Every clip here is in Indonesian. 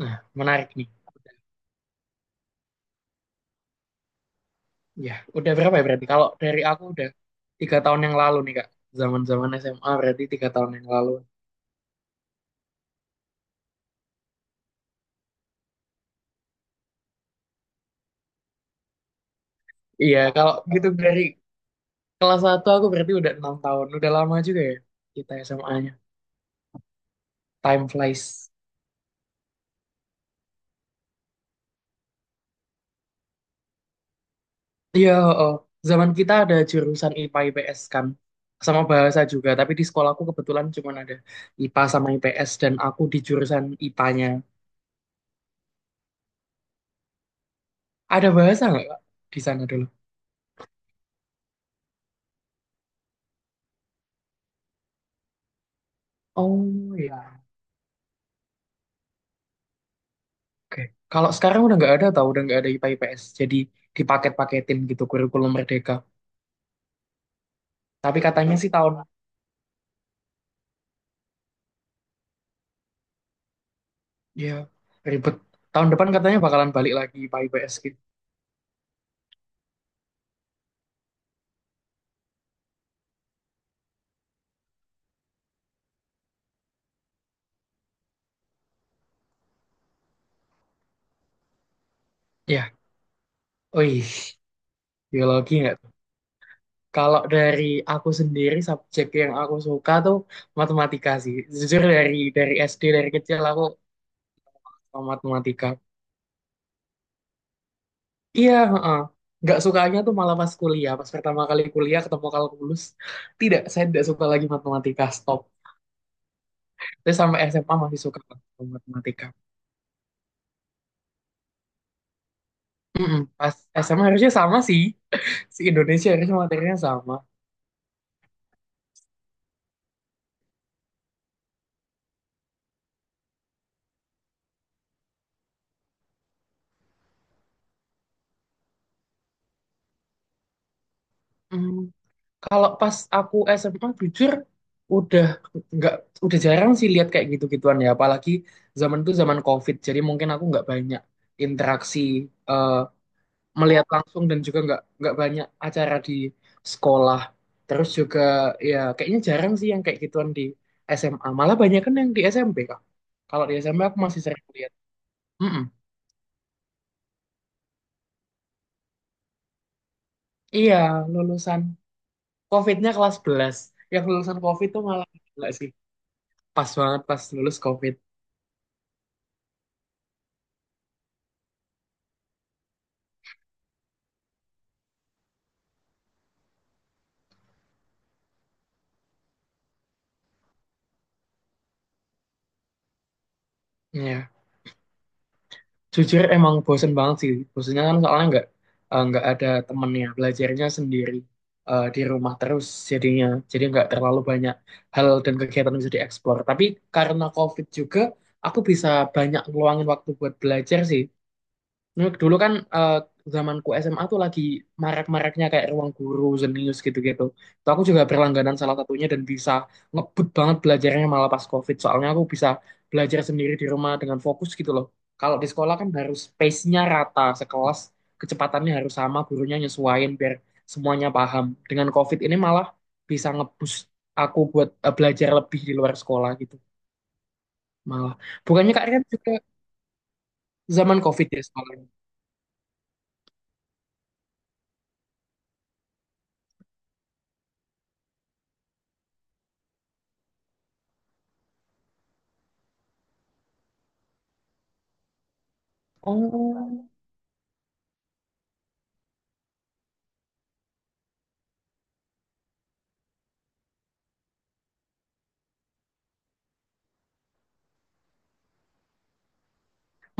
Nah, menarik nih. Ya, udah berapa ya berarti? Kalau dari aku udah tiga tahun yang lalu nih Kak. Zaman-zaman SMA berarti tiga tahun yang lalu. Iya, kalau gitu dari kelas satu aku berarti udah enam tahun. Udah lama juga ya kita SMA-nya. Time flies. Iya, oh. Zaman kita ada jurusan IPA IPS kan. Sama bahasa juga, tapi di sekolahku kebetulan cuma ada IPA sama IPS dan aku di jurusan IPA-nya. Ada bahasa nggak Kak, di sana dulu? Oh, iya. Oke. Kalau sekarang udah nggak ada tau, udah nggak ada IPA IPS. Jadi dipaket-paketin gitu kurikulum Merdeka. Tapi katanya sih tahun, ya ribet. Tahun depan katanya bakalan balik lagi IPA IPS gitu. Ya, oi, biologi nggak tuh? Kalau dari aku sendiri subjek yang aku suka tuh matematika sih. Jujur dari SD dari kecil aku suka matematika. Iya, heeh. Nggak sukanya tuh malah pas kuliah. Pas pertama kali kuliah ketemu kalkulus, tidak, saya tidak suka lagi matematika. Stop. Terus sama SMA masih suka banget sama matematika. Mm-mm. Pas SMA harusnya sama sih. Si Indonesia harusnya materinya sama. Mm, Kalau pas aku SMA jujur udah nggak udah jarang sih lihat kayak gitu-gituan ya. Apalagi zaman itu zaman COVID. Jadi mungkin aku nggak banyak interaksi eh, melihat langsung, dan juga nggak banyak acara di sekolah. Terus juga ya kayaknya jarang sih yang kayak gituan di SMA. Malah banyak kan yang di SMP kak. Kalau di SMP aku masih sering lihat. Mm-mm. Iya, lulusan COVID-nya kelas 11. Yang lulusan COVID tuh malah gila sih. Pas banget pas lulus COVID. Iya. Jujur emang bosen banget sih. Bosennya kan soalnya nggak ada temennya. Belajarnya sendiri di rumah terus jadinya. Jadi nggak terlalu banyak hal dan kegiatan yang bisa dieksplor. Tapi karena COVID juga, aku bisa banyak ngeluangin waktu buat belajar sih. Nah, dulu kan zamanku SMA tuh lagi marak-maraknya kayak ruang guru, Zenius gitu-gitu. Tuh aku juga berlangganan salah satunya, dan bisa ngebut banget belajarnya malah pas COVID. Soalnya aku bisa belajar sendiri di rumah dengan fokus gitu loh. Kalau di sekolah kan harus pace-nya rata, sekelas kecepatannya harus sama, gurunya nyesuaiin biar semuanya paham. Dengan COVID ini malah bisa ngebus aku buat belajar lebih di luar sekolah gitu. Malah. Bukannya Kak Rian juga zaman COVID ya sekolahnya? Oh.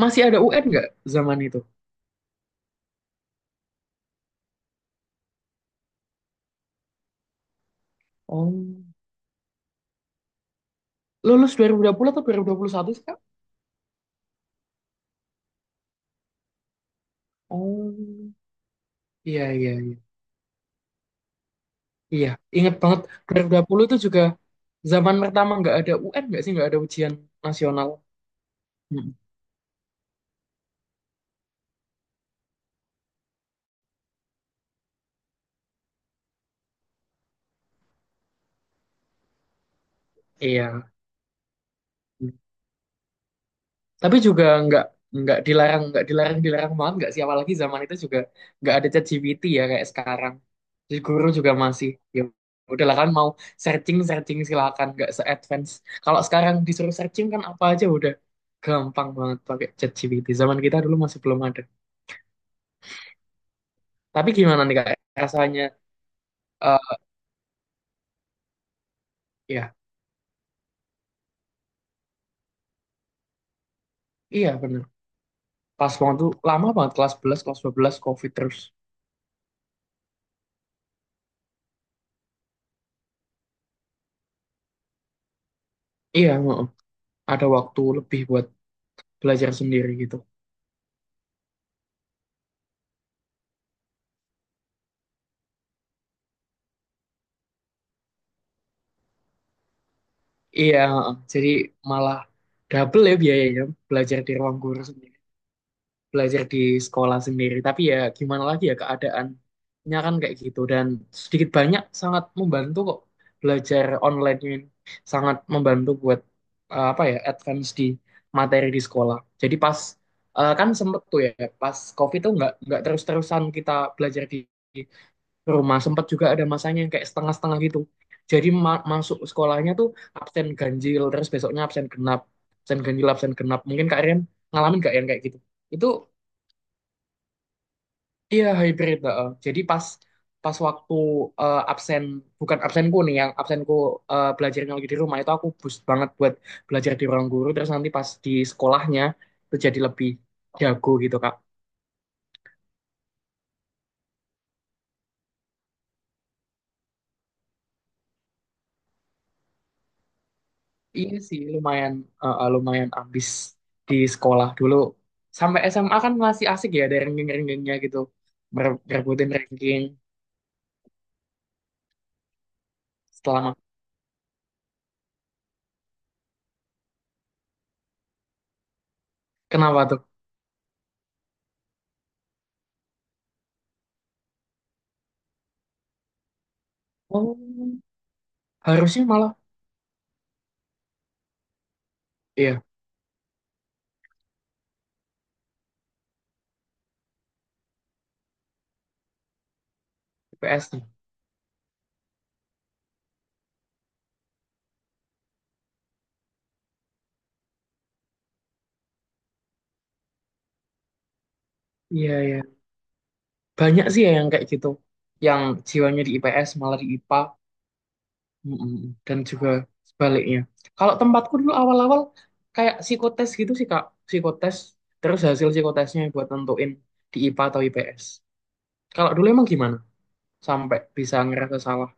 Masih ada UN nggak zaman itu? Oh, lulus 2020 atau 2021 sih, Kak? Oh, iya, iya, iya. Iya, ingat banget. 2020 itu juga zaman pertama nggak ada UN nggak sih? Nggak ada ujian nasional. Mm. Iya. Tapi juga nggak dilarang, nggak dilarang dilarang banget, nggak sih? Apalagi zaman itu juga nggak ada ChatGPT ya kayak sekarang. Jadi guru juga masih ya udahlah, kan mau searching searching silakan, nggak se-advance kalau sekarang. Disuruh searching kan apa aja udah gampang banget pakai ChatGPT. Zaman kita dulu masih belum ada. Tapi gimana nih Kak rasanya? Eh, ya, iya bener. Pas waktu lama banget kelas 11 kelas 12 COVID terus. Iya, heeh. Ada waktu lebih buat belajar sendiri gitu. Iya, heeh. Jadi malah double ya biayanya, belajar di ruang guru sendiri, belajar di sekolah sendiri. Tapi ya gimana lagi ya, keadaannya kan kayak gitu, dan sedikit banyak sangat membantu kok belajar online ini. Sangat membantu buat apa ya, advance di materi di sekolah. Jadi pas kan sempet tuh ya, pas COVID tuh nggak terus-terusan kita belajar di rumah. Sempat juga ada masanya yang kayak setengah-setengah gitu. Jadi masuk sekolahnya tuh absen ganjil, terus besoknya absen genap, absen ganjil, absen genap. Mungkin Kak Rian ngalamin gak yang kayak gitu? Itu, iya, hybrid, heeh. Jadi pas pas waktu absen, bukan absenku nih, yang absenku belajarnya lagi di rumah, itu aku boost banget buat belajar di ruang guru. Terus nanti pas di sekolahnya itu jadi lebih jago gitu Kak. Iya sih lumayan lumayan ambis di sekolah dulu. Sampai SMA kan masih asik ya, ada ranking-rankingnya gitu. Merebutin ranking. Setelah ma- kenapa tuh? Oh, harusnya malah iya IPS nih. Iya, iya, banyak sih ya yang kayak gitu, yang jiwanya di IPS malah di IPA. Mm-mm. Dan juga sebaliknya. Kalau tempatku dulu awal-awal kayak psikotes gitu sih Kak, psikotes, terus hasil psikotesnya buat nentuin di IPA atau IPS, kalau dulu. Emang gimana sampai bisa ngerasa salah?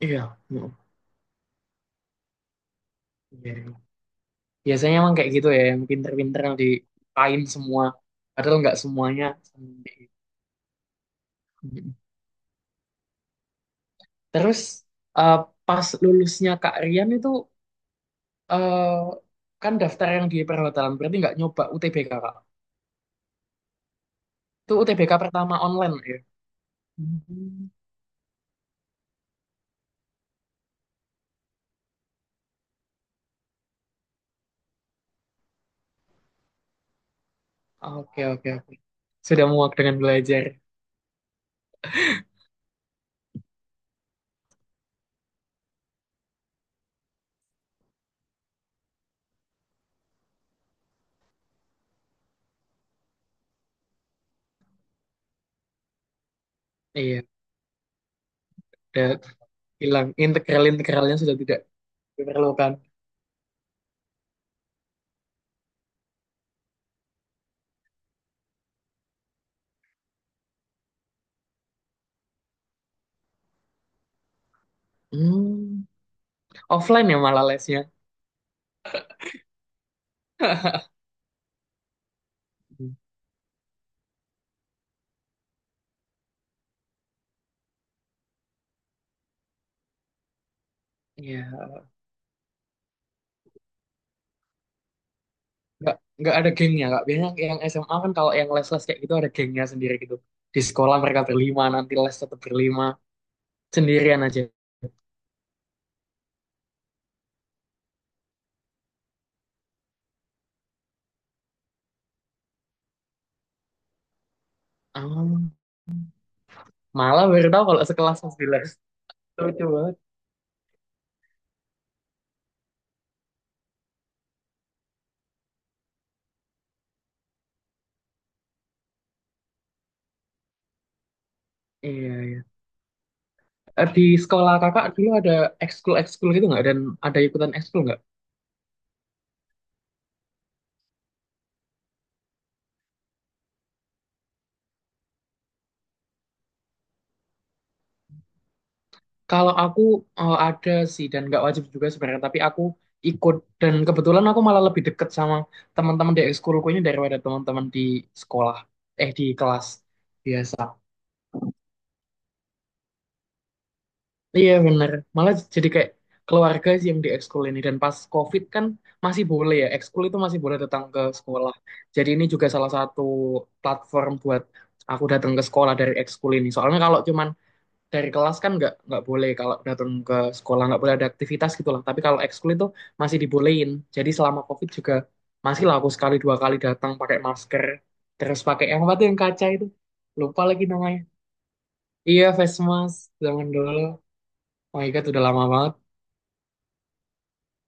Iya. Mm, iya, iya. Biasanya emang kayak gitu ya, yang pinter-pinter yang dikain semua. Padahal nggak semuanya sama kayak gitu. Mm. Terus eh, pas lulusnya Kak Rian itu eh, kan daftar yang di perhotelan, berarti nggak nyoba UTBK Kak. Itu UTBK pertama online ya? Hmm. Oke, oke, oke. Sudah muak dengan belajar. Iya, udah hilang. Integral-integralnya sudah tidak diperlukan. Hmm, offline ya malah lesnya. Iya, nggak nggak ada gengnya kak. Biasanya yang SMA kan kalau yang les-les kayak gitu ada gengnya sendiri gitu. Di sekolah mereka berlima, nanti les tetap berlima, sendirian aja. Ah, malah baru tahu kalau sekelas masih di les. Lucu banget. Iya, iya. Eh, di sekolah kakak dulu ada ekskul-ekskul gitu nggak? Dan ada ikutan ekskul nggak? Kalau aku ada sih, dan nggak wajib juga sebenarnya. Tapi aku ikut, dan kebetulan aku malah lebih deket sama teman-teman di ekskulku ini daripada teman-teman di sekolah, eh di kelas biasa. Iya bener, malah jadi kayak keluarga sih yang di ekskul ini. Dan pas COVID kan masih boleh ya, ekskul itu masih boleh datang ke sekolah. Jadi ini juga salah satu platform buat aku datang ke sekolah dari ekskul ini. Soalnya kalau cuman dari kelas kan nggak boleh. Kalau datang ke sekolah nggak boleh ada aktivitas gitu lah. Tapi kalau ekskul itu masih dibolehin. Jadi selama COVID juga masih lah aku sekali dua kali datang pakai masker, terus pakai yang apa tuh yang kaca itu, lupa lagi namanya. Iya, face mask zaman dulu. Oh my God, udah lama banget.